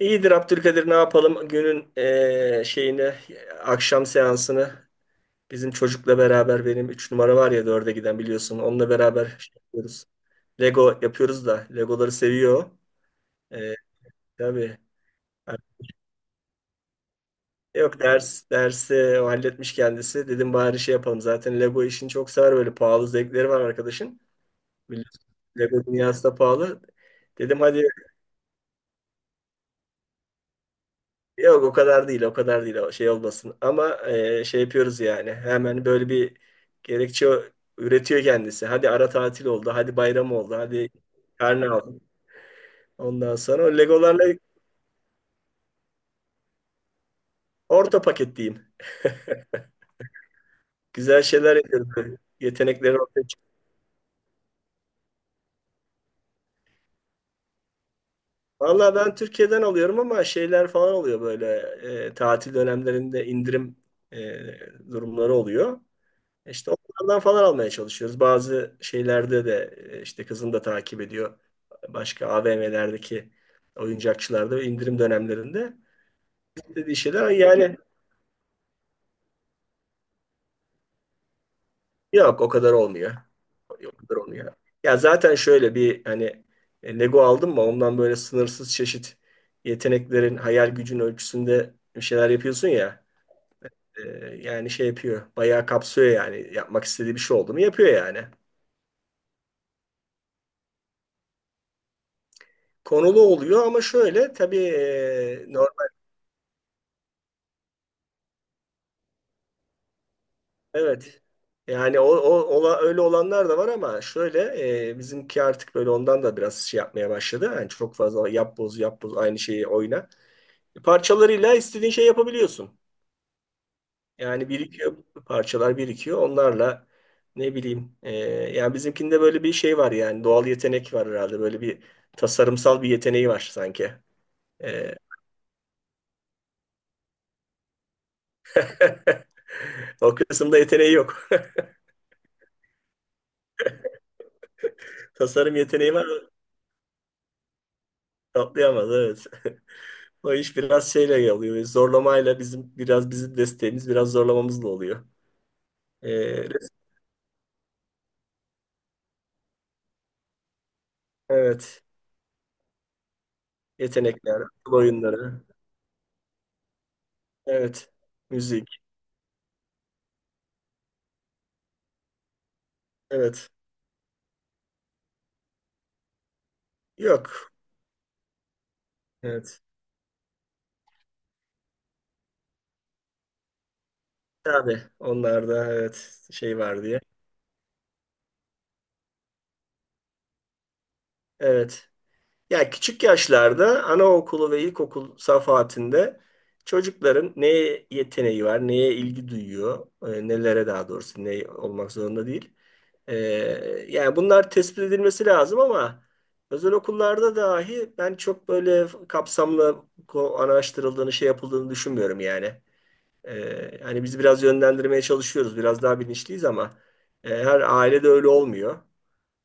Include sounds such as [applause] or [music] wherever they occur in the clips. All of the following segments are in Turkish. İyidir Abdülkadir ne yapalım günün şeyini akşam seansını bizim çocukla beraber benim 3 numara var ya 4'e giden biliyorsun onunla beraber şey yapıyoruz. Lego yapıyoruz da Legoları seviyor. Eee tabii. Yok ders dersi o halletmiş kendisi. Dedim bari şey yapalım. Zaten Lego işini çok sever böyle pahalı zevkleri var arkadaşın. Biliyorsun, Lego dünyası da pahalı. Dedim hadi. Yok o kadar değil, o kadar değil. O şey olmasın. Ama şey yapıyoruz yani. Hemen böyle bir gerekçe üretiyor kendisi. Hadi ara tatil oldu, hadi bayram oldu, hadi karne aldı. Ondan sonra o Legolarla orta paket diyeyim. Güzel şeyler yapıyoruz böyle. Yetenekleri ortaya çıkıyor. Valla ben Türkiye'den alıyorum ama şeyler falan oluyor böyle. Tatil dönemlerinde indirim e, durumları oluyor. İşte onlardan falan almaya çalışıyoruz. Bazı şeylerde de işte kızım da takip ediyor. Başka AVM'lerdeki oyuncakçılarda ve indirim dönemlerinde dediği şeyler "Ay yani yok o kadar olmuyor. Yok o kadar olmuyor. Ya zaten şöyle bir hani Lego aldım mı ondan böyle sınırsız çeşit yeteneklerin hayal gücün ölçüsünde bir şeyler yapıyorsun ya. E, Yani şey yapıyor. Bayağı kapsıyor yani. Yapmak istediği bir şey oldu mu yapıyor yani konulu oluyor ama şöyle tabii e, evet. Yani o öyle olanlar da var ama şöyle bizimki artık böyle ondan da biraz şey yapmaya başladı. Yani çok fazla yap boz yap boz aynı şeyi oyna. Parçalarıyla istediğin şey yapabiliyorsun. Yani birikiyor parçalar birikiyor. Onlarla ne bileyim yani bizimkinde böyle bir şey var yani doğal yetenek var herhalde. Böyle bir tasarımsal bir yeteneği var sanki. E, [laughs] O kısımda yeteneği yok. [laughs] Tasarım yeteneği var. Atlayamaz evet. O iş biraz şeyle oluyor. Zorlamayla bizim biraz bizim desteğimiz biraz zorlamamızla oluyor. Ee, res- evet. Yetenekler, akıl oyunları. Evet. Müzik. Evet. Yok. Evet. Tabii onlarda evet şey var diye. Evet. Ya küçük yaşlarda anaokulu ve ilkokul safhatinde çocukların neye yeteneği var, neye ilgi duyuyor, nelere daha doğrusu ne olmak zorunda değil. Ee, Yani bunlar tespit edilmesi lazım ama özel okullarda dahi ben çok böyle kapsamlı araştırıldığını, şey yapıldığını düşünmüyorum yani. Hani biz biraz yönlendirmeye çalışıyoruz, biraz daha bilinçliyiz ama her ailede öyle olmuyor.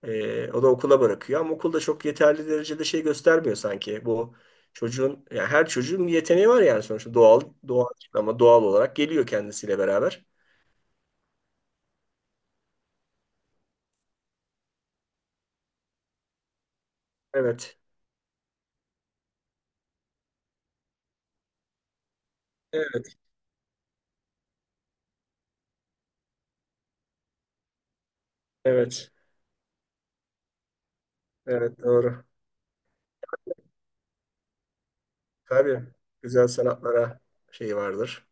O da okula bırakıyor ama okulda çok yeterli derecede şey göstermiyor sanki. Bu çocuğun, yani her çocuğun bir yeteneği var yani sonuçta doğal, doğal ama doğal olarak geliyor kendisiyle beraber. Evet, evet, evet, evet doğru. Tabii güzel sanatlara şey vardır.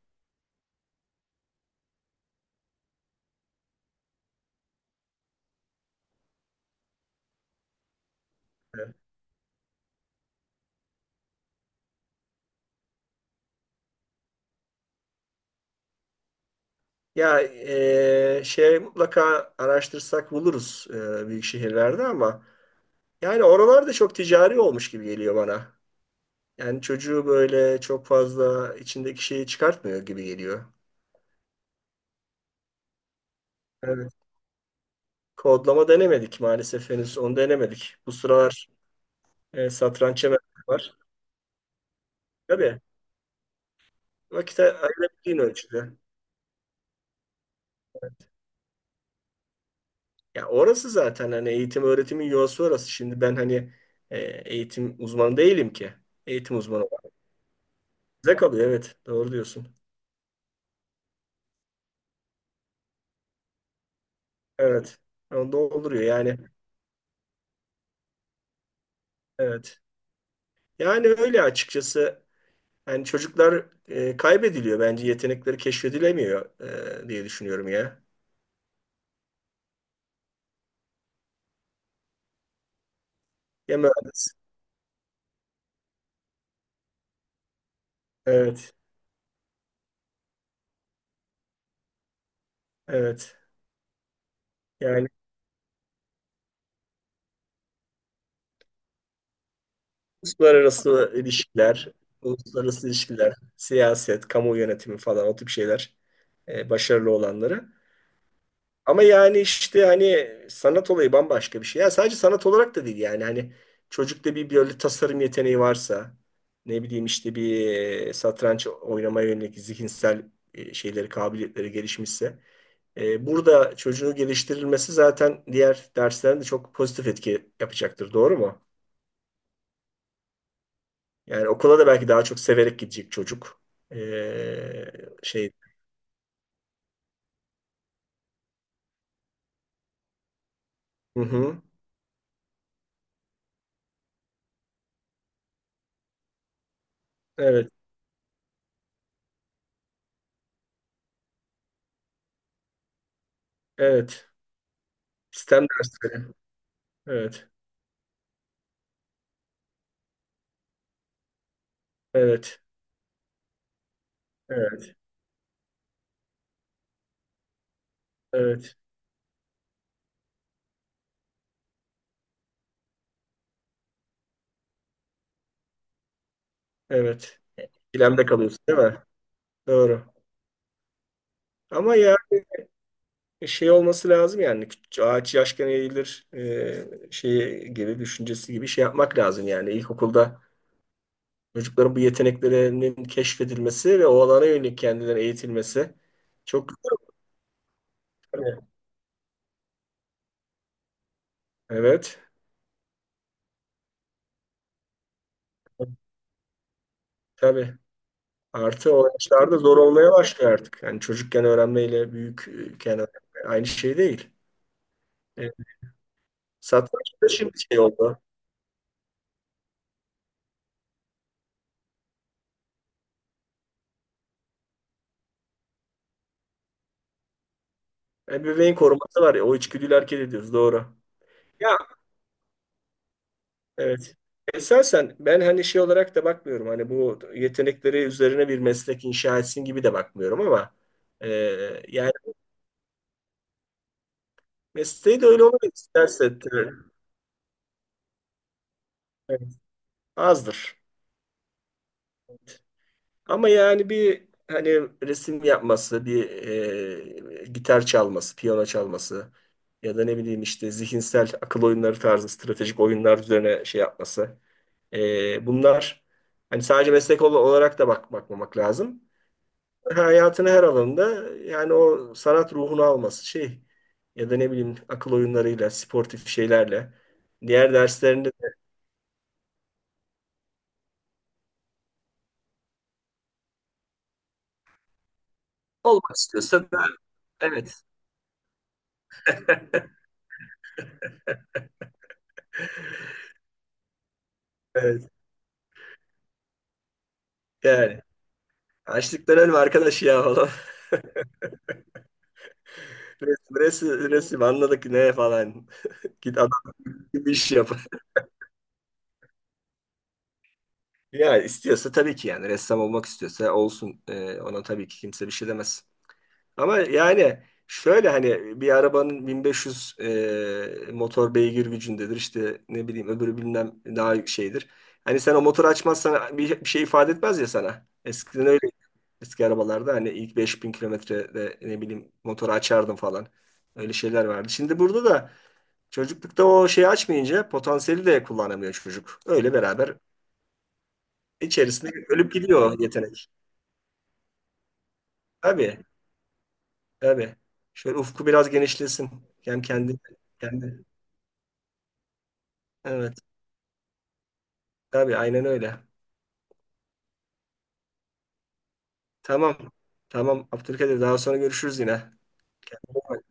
Evet. Ya şey mutlaka araştırsak buluruz büyük şehirlerde ama yani oralarda çok ticari olmuş gibi geliyor bana. Yani çocuğu böyle çok fazla içindeki şeyi çıkartmıyor gibi geliyor. Evet. Kodlama denemedik maalesef henüz onu denemedik. Bu sıralar satranç var. Tabii vakit ayırabildiğin ölçüde. Ya orası zaten hani eğitim öğretimin yuvası orası. Şimdi ben hani e, eğitim uzmanı değilim ki. Eğitim uzmanı var. Bize kalıyor evet. Doğru diyorsun. Evet. Onu dolduruyor yani. Evet. Yani öyle açıkçası. Yani çocuklar kaybediliyor bence. Yetenekleri keşfedilemiyor diye düşünüyorum ya. Ya mühendis. Evet. Evet. Yani uluslararası ilişkiler, uluslararası ilişkiler, siyaset, kamu yönetimi falan o tip şeyler başarılı olanları. Ama yani işte hani sanat olayı bambaşka bir şey. Ya sadece sanat olarak da değil yani hani çocukta bir böyle tasarım yeteneği varsa ne bileyim işte bir satranç oynamaya yönelik zihinsel şeyleri kabiliyetleri gelişmişse burada çocuğu geliştirilmesi zaten diğer derslerinde çok pozitif etki yapacaktır. Doğru mu? Yani okula da belki daha çok severek gidecek çocuk. E, Şey. Hı hı. Evet. Evet. Sistem dersleri. Evet. Evet. Evet. Evet, evet. İkilemde kalıyorsun değil mi? Doğru. Ama ya şey olması lazım yani ağaç yaşken eğilir şeyi gibi düşüncesi gibi şey yapmak lazım yani ilkokulda çocukların bu yeteneklerinin keşfedilmesi ve o alana yönelik kendilerine eğitilmesi çok güzel tabii. Evet. Tabii. Artı o yaşlarda zor olmaya başlıyor artık. Yani çocukken öğrenmeyle büyükken öğrenme aynı şey değil. Evet. Satranç da şimdi şey oldu. Ebeveyn koruması var ya o içgüdüyü hareket ediyoruz doğru. Ya evet. Esasen ben hani şey olarak da bakmıyorum. Hani bu yetenekleri üzerine bir meslek inşa etsin gibi de bakmıyorum ama e, yani mesleği de öyle olmak isterse tabii, evet, azdır. Ama yani bir hani resim yapması, bir gitar çalması, piyano çalması ya da ne bileyim işte zihinsel akıl oyunları tarzı stratejik oyunlar üzerine şey yapması. Bunlar hani sadece meslek olarak da bakmamak lazım. Hayatın her alanında yani o sanat ruhunu alması şey ya da ne bileyim akıl oyunlarıyla, sportif şeylerle diğer derslerinde de olmak istiyorsa da evet. [laughs] Evet. Yani açlıktan ölme arkadaş ya falan. [laughs] Resim, resim, resim anladık ne falan. Git adam gibi iş yap. [laughs] Ya istiyorsa tabii ki yani ressam olmak istiyorsa olsun. Ona tabii ki kimse bir şey demez. Ama yani şöyle hani bir arabanın 1500 motor beygir gücündedir. İşte ne bileyim öbürü bilmem daha şeydir. Hani sen o motoru açmazsan bir şey ifade etmez ya sana. Eskiden öyle eski arabalarda hani ilk 5000 kilometrede ne bileyim motoru açardım falan. Öyle şeyler vardı. Şimdi burada da çocuklukta o şeyi açmayınca potansiyeli de kullanamıyor çocuk. Öyle beraber içerisinde ölüp gidiyor o yetenek. Tabii tabii. Şöyle ufku biraz genişlesin. Hem kendi... Evet. Tabii aynen öyle. Tamam. Tamam Abdülkadir daha sonra görüşürüz yine. Kendine iyi bak.